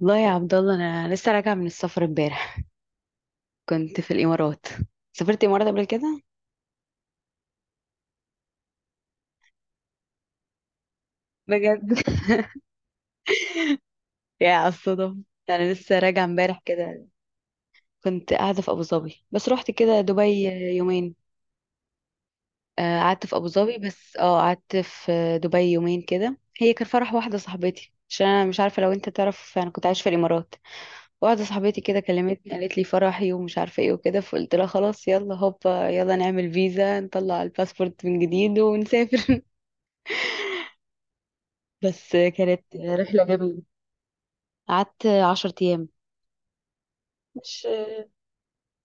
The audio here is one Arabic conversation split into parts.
والله يا عبد الله، انا لسه راجعه من السفر امبارح. كنت في الامارات. سافرت الامارات قبل كده؟ بجد. يا على الصدف. انا لسه راجعه امبارح كده. كنت قاعده في ابو ظبي، بس رحت كده دبي يومين. قعدت في ابو ظبي، بس قعدت في دبي يومين كده. هي كان فرح واحده صاحبتي، عشان انا مش عارفه لو انت تعرف انا كنت عايشه في الامارات. واحده صاحبتي كده كلمتني، قالت لي فرحي ومش عارفه ايه وكده، فقلت لها خلاص يلا هوبا، يلا نعمل فيزا، نطلع الباسبورت من جديد ونسافر. بس كانت رحلة جميلة. قعدت 10 أيام. مش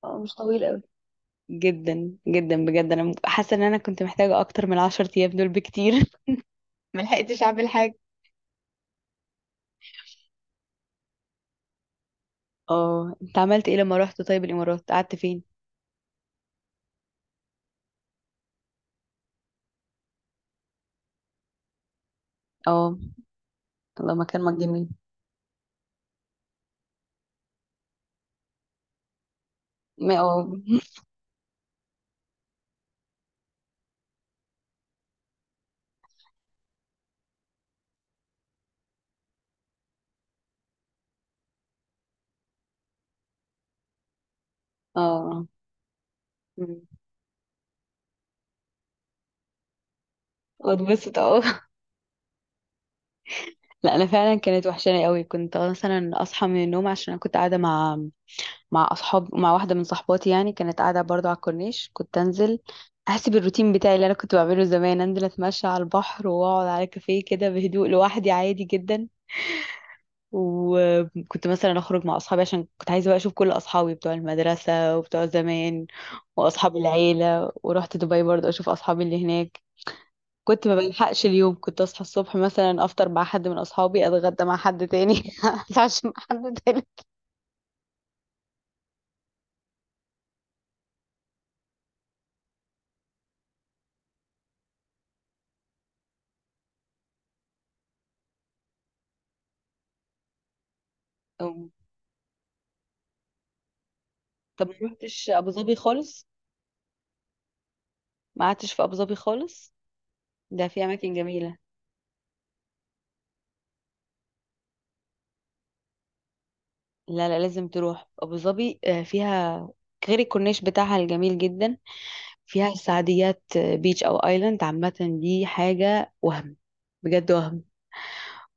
مش طويل قوي. جدا جدا، بجد أنا حاسة إن أنا كنت محتاجة أكتر من 10 أيام دول بكتير. ملحقتش أعمل حاجة. اه. أنت عملت إيه لما رحت طيب الإمارات، قعدت فين؟ اه. الله، مكان ما جميل. ما اه. اه. مم. واتبسط، اه. لا أنا فعلا كانت وحشاني قوي. كنت مثلا أصحى من النوم عشان أنا كنت قاعدة مع، مع اصحاب، مع واحده من صحباتي، يعني كانت قاعده برضو على الكورنيش. كنت انزل احسب الروتين بتاعي اللي انا كنت بعمله زمان، انزل اتمشى على البحر واقعد على كافيه كده بهدوء لوحدي عادي جدا. وكنت مثلا اخرج مع اصحابي، عشان كنت عايزه بقى اشوف كل اصحابي بتوع المدرسه وبتوع زمان واصحاب العيله. ورحت دبي برضو اشوف اصحابي اللي هناك. كنت ما بلحقش اليوم، كنت اصحى الصبح مثلا افطر مع حد من اصحابي، اتغدى مع حد تاني، اتعشى مع حد تاني. طب ما روحتش ابو ظبي خالص؟ ما قعدتش في ابو ظبي خالص؟ ده في اماكن جميله. لا لا، لازم تروح ابو ظبي. فيها غير الكورنيش بتاعها الجميل جدا، فيها السعديات بيتش او ايلاند عامه. دي حاجه وهم، بجد وهم.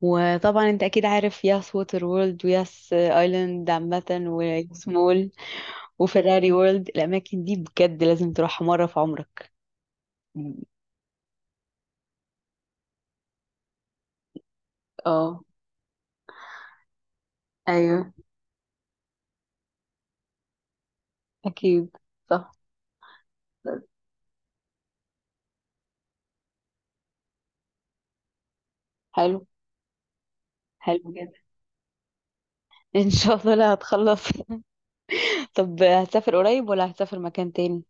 وطبعا انت اكيد عارف ياس ووتر وورلد وياس ايلاند عامه وياس مول وفيراري وورلد. الاماكن دي بجد لازم تروحها مره في عمرك. اه ايوه، اكيد صح. حلو. حلو جدا. ان شاء الله، لا هتخلص. طب هتسافر قريب ولا هتسافر مكان تاني؟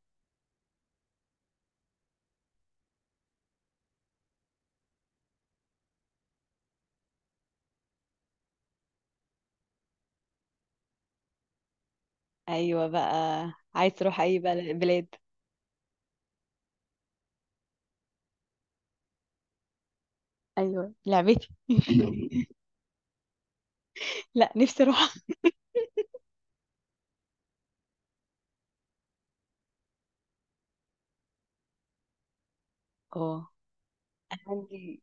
ايوه بقى. عايز تروح اي بلاد؟ ايوه لعبتي. لا، نفسي اروح. اه. انا عندي.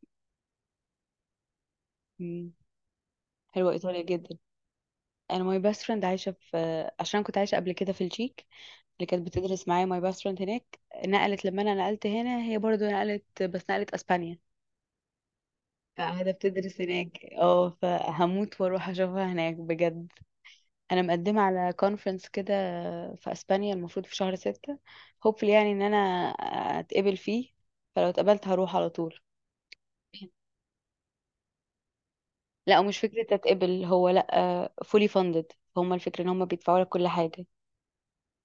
مم. حلوه ايطاليا جدا. انا ماي باست فريند عايشه في، عشان كنت عايشه قبل كده في التشيك، اللي كانت بتدرس معايا ماي باست فريند هناك. نقلت، لما انا نقلت هنا هي برضو نقلت، بس نقلت اسبانيا. فقاعده بتدرس هناك، اه فهموت واروح اشوفها هناك بجد. انا مقدمه على كونفرنس كده في اسبانيا، المفروض في شهر 6. hopefully يعني ان انا اتقبل فيه، فلو اتقبلت هروح على طول. لا، ومش فكرة تتقبل هو، لا فولي فاندد، هما الفكرة ان هما بيدفعوا لك كل حاجة.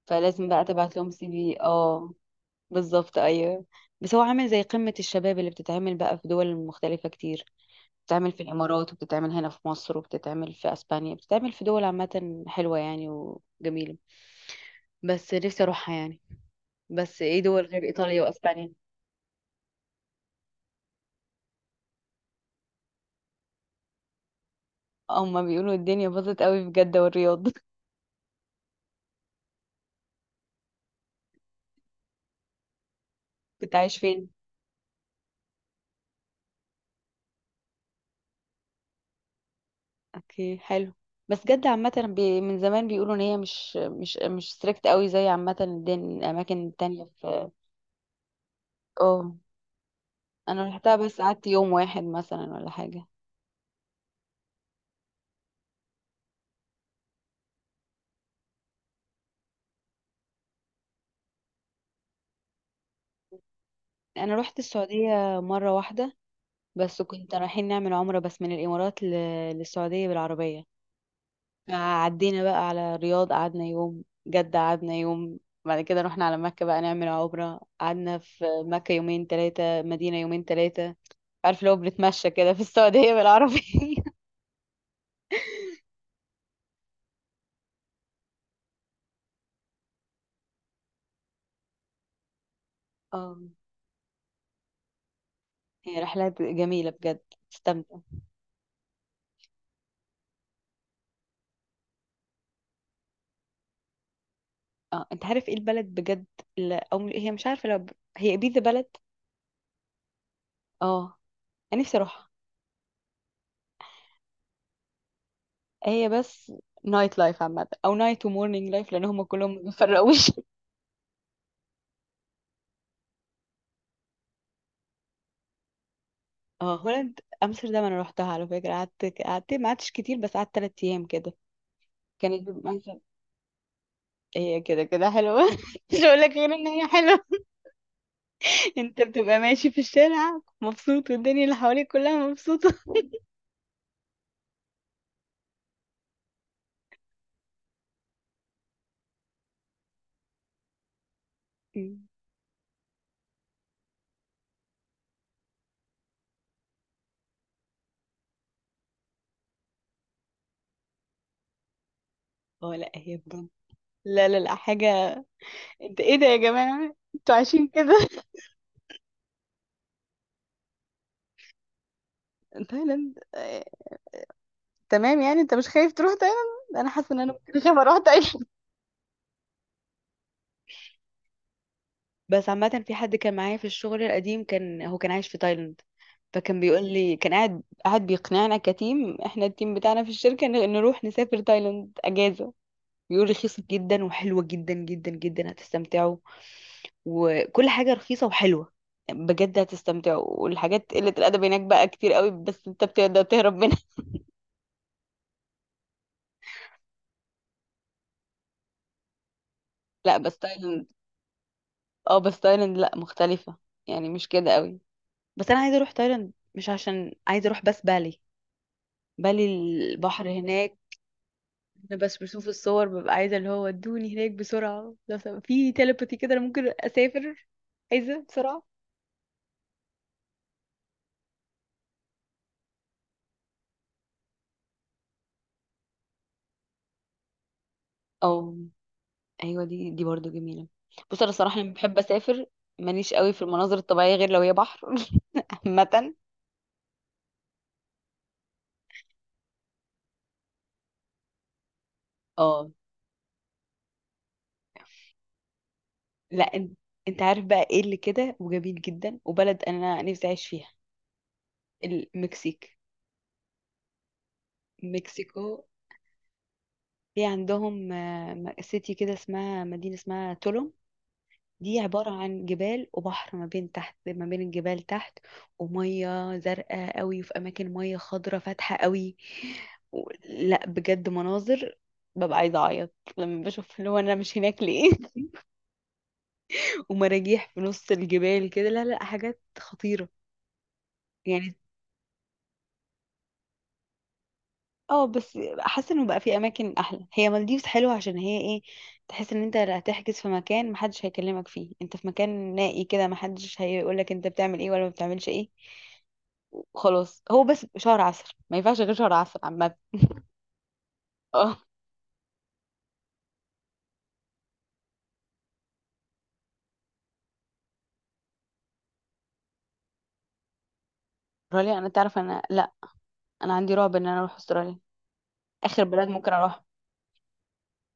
فلازم بقى تبعت لهم سي في، اه بالظبط ايوه. بس هو عامل زي قمة الشباب اللي بتتعمل بقى في دول مختلفة كتير. بتتعمل في الامارات، وبتتعمل هنا في مصر، وبتتعمل في اسبانيا، بتتعمل في دول عامة حلوة يعني وجميلة. بس نفسي اروحها يعني. بس ايه دول غير ايطاليا واسبانيا؟ هما بيقولوا الدنيا باظت قوي في جدة والرياض. كنت عايش فين؟ اوكي، حلو. بس جدة عامة من زمان بيقولوا ان هي مش ستريكت قوي زي عامة الاماكن التانية في. اه انا رحتها بس قعدت يوم واحد مثلا ولا حاجة. انا رحت السعودية مرة واحدة، بس كنت رايحين نعمل عمرة، بس من الامارات للسعودية بالعربية. عدينا بقى على الرياض قعدنا يوم، جدة قعدنا يوم، بعد كده رحنا على مكة بقى نعمل عمرة، قعدنا في مكة يومين ثلاثة، مدينة يومين ثلاثة. عارف، لو بنتمشى كده في السعودية بالعربية. اه هي رحلات جميلة بجد. استمتع. اه انت عارف ايه البلد بجد اللي او هي مش عارفة لو هي بيزا بلد. اه. انا نفسي اروحها. هي بس نايت لايف عامة، او نايت ومورنينج لايف، لان هم كلهم ما بيفرقوش. اه هولند امستردام، انا روحتها على فكره. قعدت قعدت ما قعدتش كتير، بس قعدت 3 ايام كده. كانت بيبقى مثلا، هي كده كده حلوه. مش هقول لك غير ان هي حلوه. انت بتبقى ماشي في الشارع مبسوط، والدنيا اللي حواليك كلها مبسوطه. مم. اه لا، هي بجد، لا لا لا حاجه، انت ايه ده يا جماعه انتوا عايشين كده. تايلاند. تمام يعني. انت مش خايف تروح تايلاند؟ انا حاسه ان انا ممكن اخاف اروح. بس عامة في حد كان معايا في الشغل القديم، كان هو كان عايش في تايلاند، فكان بيقول لي، كان قاعد قاعد بيقنعنا، كتيم، احنا التيم بتاعنا في الشركة نروح نسافر تايلاند اجازة. بيقول رخيصة جدا وحلوة جدا جدا جدا، هتستمتعوا وكل حاجة رخيصة وحلوة، بجد هتستمتعوا. والحاجات قلة الأدب هناك بقى كتير قوي، بس انت بتقدر تهرب منها. لا بس تايلاند، اه بس تايلاند لا مختلفة، يعني مش كده قوي. بس انا عايزة اروح تايلاند مش عشان عايزة اروح، بس بالي. بالي البحر هناك. انا بس بشوف الصور ببقى عايزه اللي هو ادوني هناك بسرعه، لو في تيليباثي كده انا ممكن اسافر. عايزه بسرعه. او ايوه، دي برضو جميله. بص انا الصراحه لما بحب اسافر، ماليش قوي في المناظر الطبيعيه غير لو هي بحر. عامه. اه لا، انت عارف بقى ايه اللي كده وجميل جدا، وبلد انا نفسي اعيش فيها، المكسيك، مكسيكو. في عندهم، سيتي كده اسمها، مدينه اسمها تولوم. دي عبارة عن جبال وبحر، ما بين تحت، ما بين الجبال تحت، ومية زرقاء قوي، في أماكن مية خضرة فاتحة قوي. لا بجد مناظر، ببقى عايزة أعيط لما بشوف اللي هو أنا مش هناك ليه. ومراجيح في نص الجبال كده، لا لا حاجات خطيرة يعني. اه بس حاسة انه بقى في أماكن أحلى. هي مالديفز حلوة عشان هي ايه، تحس ان انت لا هتحجز في مكان محدش هيكلمك فيه، انت في مكان نائي كده محدش هيقولك انت بتعمل ايه ولا ما بتعملش ايه. خلاص هو بس شهر عسل، ما ينفعش غير شهر عسل عامة. اه. استراليا، انا تعرف انا لا، انا عندي رعب ان انا اروح استراليا. اخر بلد ممكن اروح.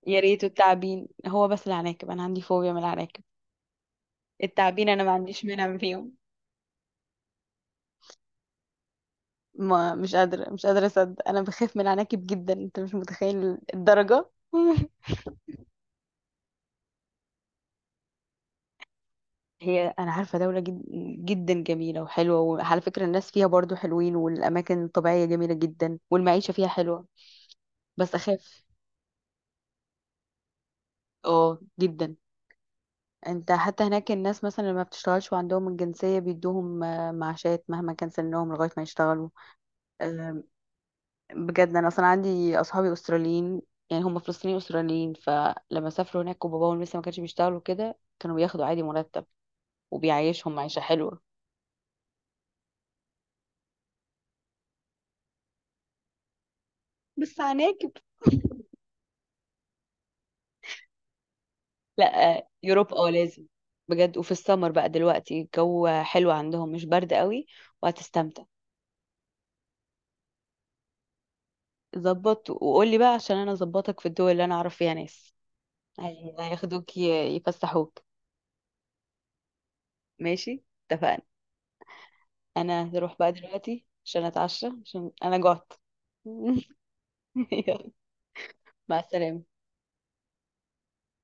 يا ريت التعابين، هو بس العناكب، انا عندي فوبيا من العناكب. التعابين انا ما عنديش منها فيهم. ما مش قادرة اصدق، انا بخاف من العناكب جدا، انت مش متخيل الدرجة. هي انا عارفة دولة جدا جميلة وحلوة، وعلى فكرة الناس فيها برضو حلوين، والاماكن الطبيعية جميلة جدا، والمعيشة فيها حلوة، بس اخاف. اه جدا. انت حتى هناك الناس مثلا اللي ما بتشتغلش وعندهم الجنسية بيدوهم معاشات مهما كان سنهم لغاية ما يشتغلوا. آه، بجد انا اصلا عندي اصحابي استراليين. يعني هم فلسطينيين استراليين، فلما سافروا هناك وباباهم لسه ما كانش بيشتغلوا كده، كانوا بياخدوا عادي مرتب، وبيعيشهم معيشة حلوة. بس عناكب. لا يوروب لازم. بجد، وفي السمر بقى دلوقتي الجو حلو عندهم، مش برد قوي، وهتستمتع. ظبط وقولي بقى، عشان انا اظبطك في الدول اللي انا اعرف فيها ناس. ايوه ياخدوك يفسحوك. ماشي، اتفقنا. انا هروح بقى دلوقتي عشان اتعشى عشان انا جعت. يلا، مع السلامة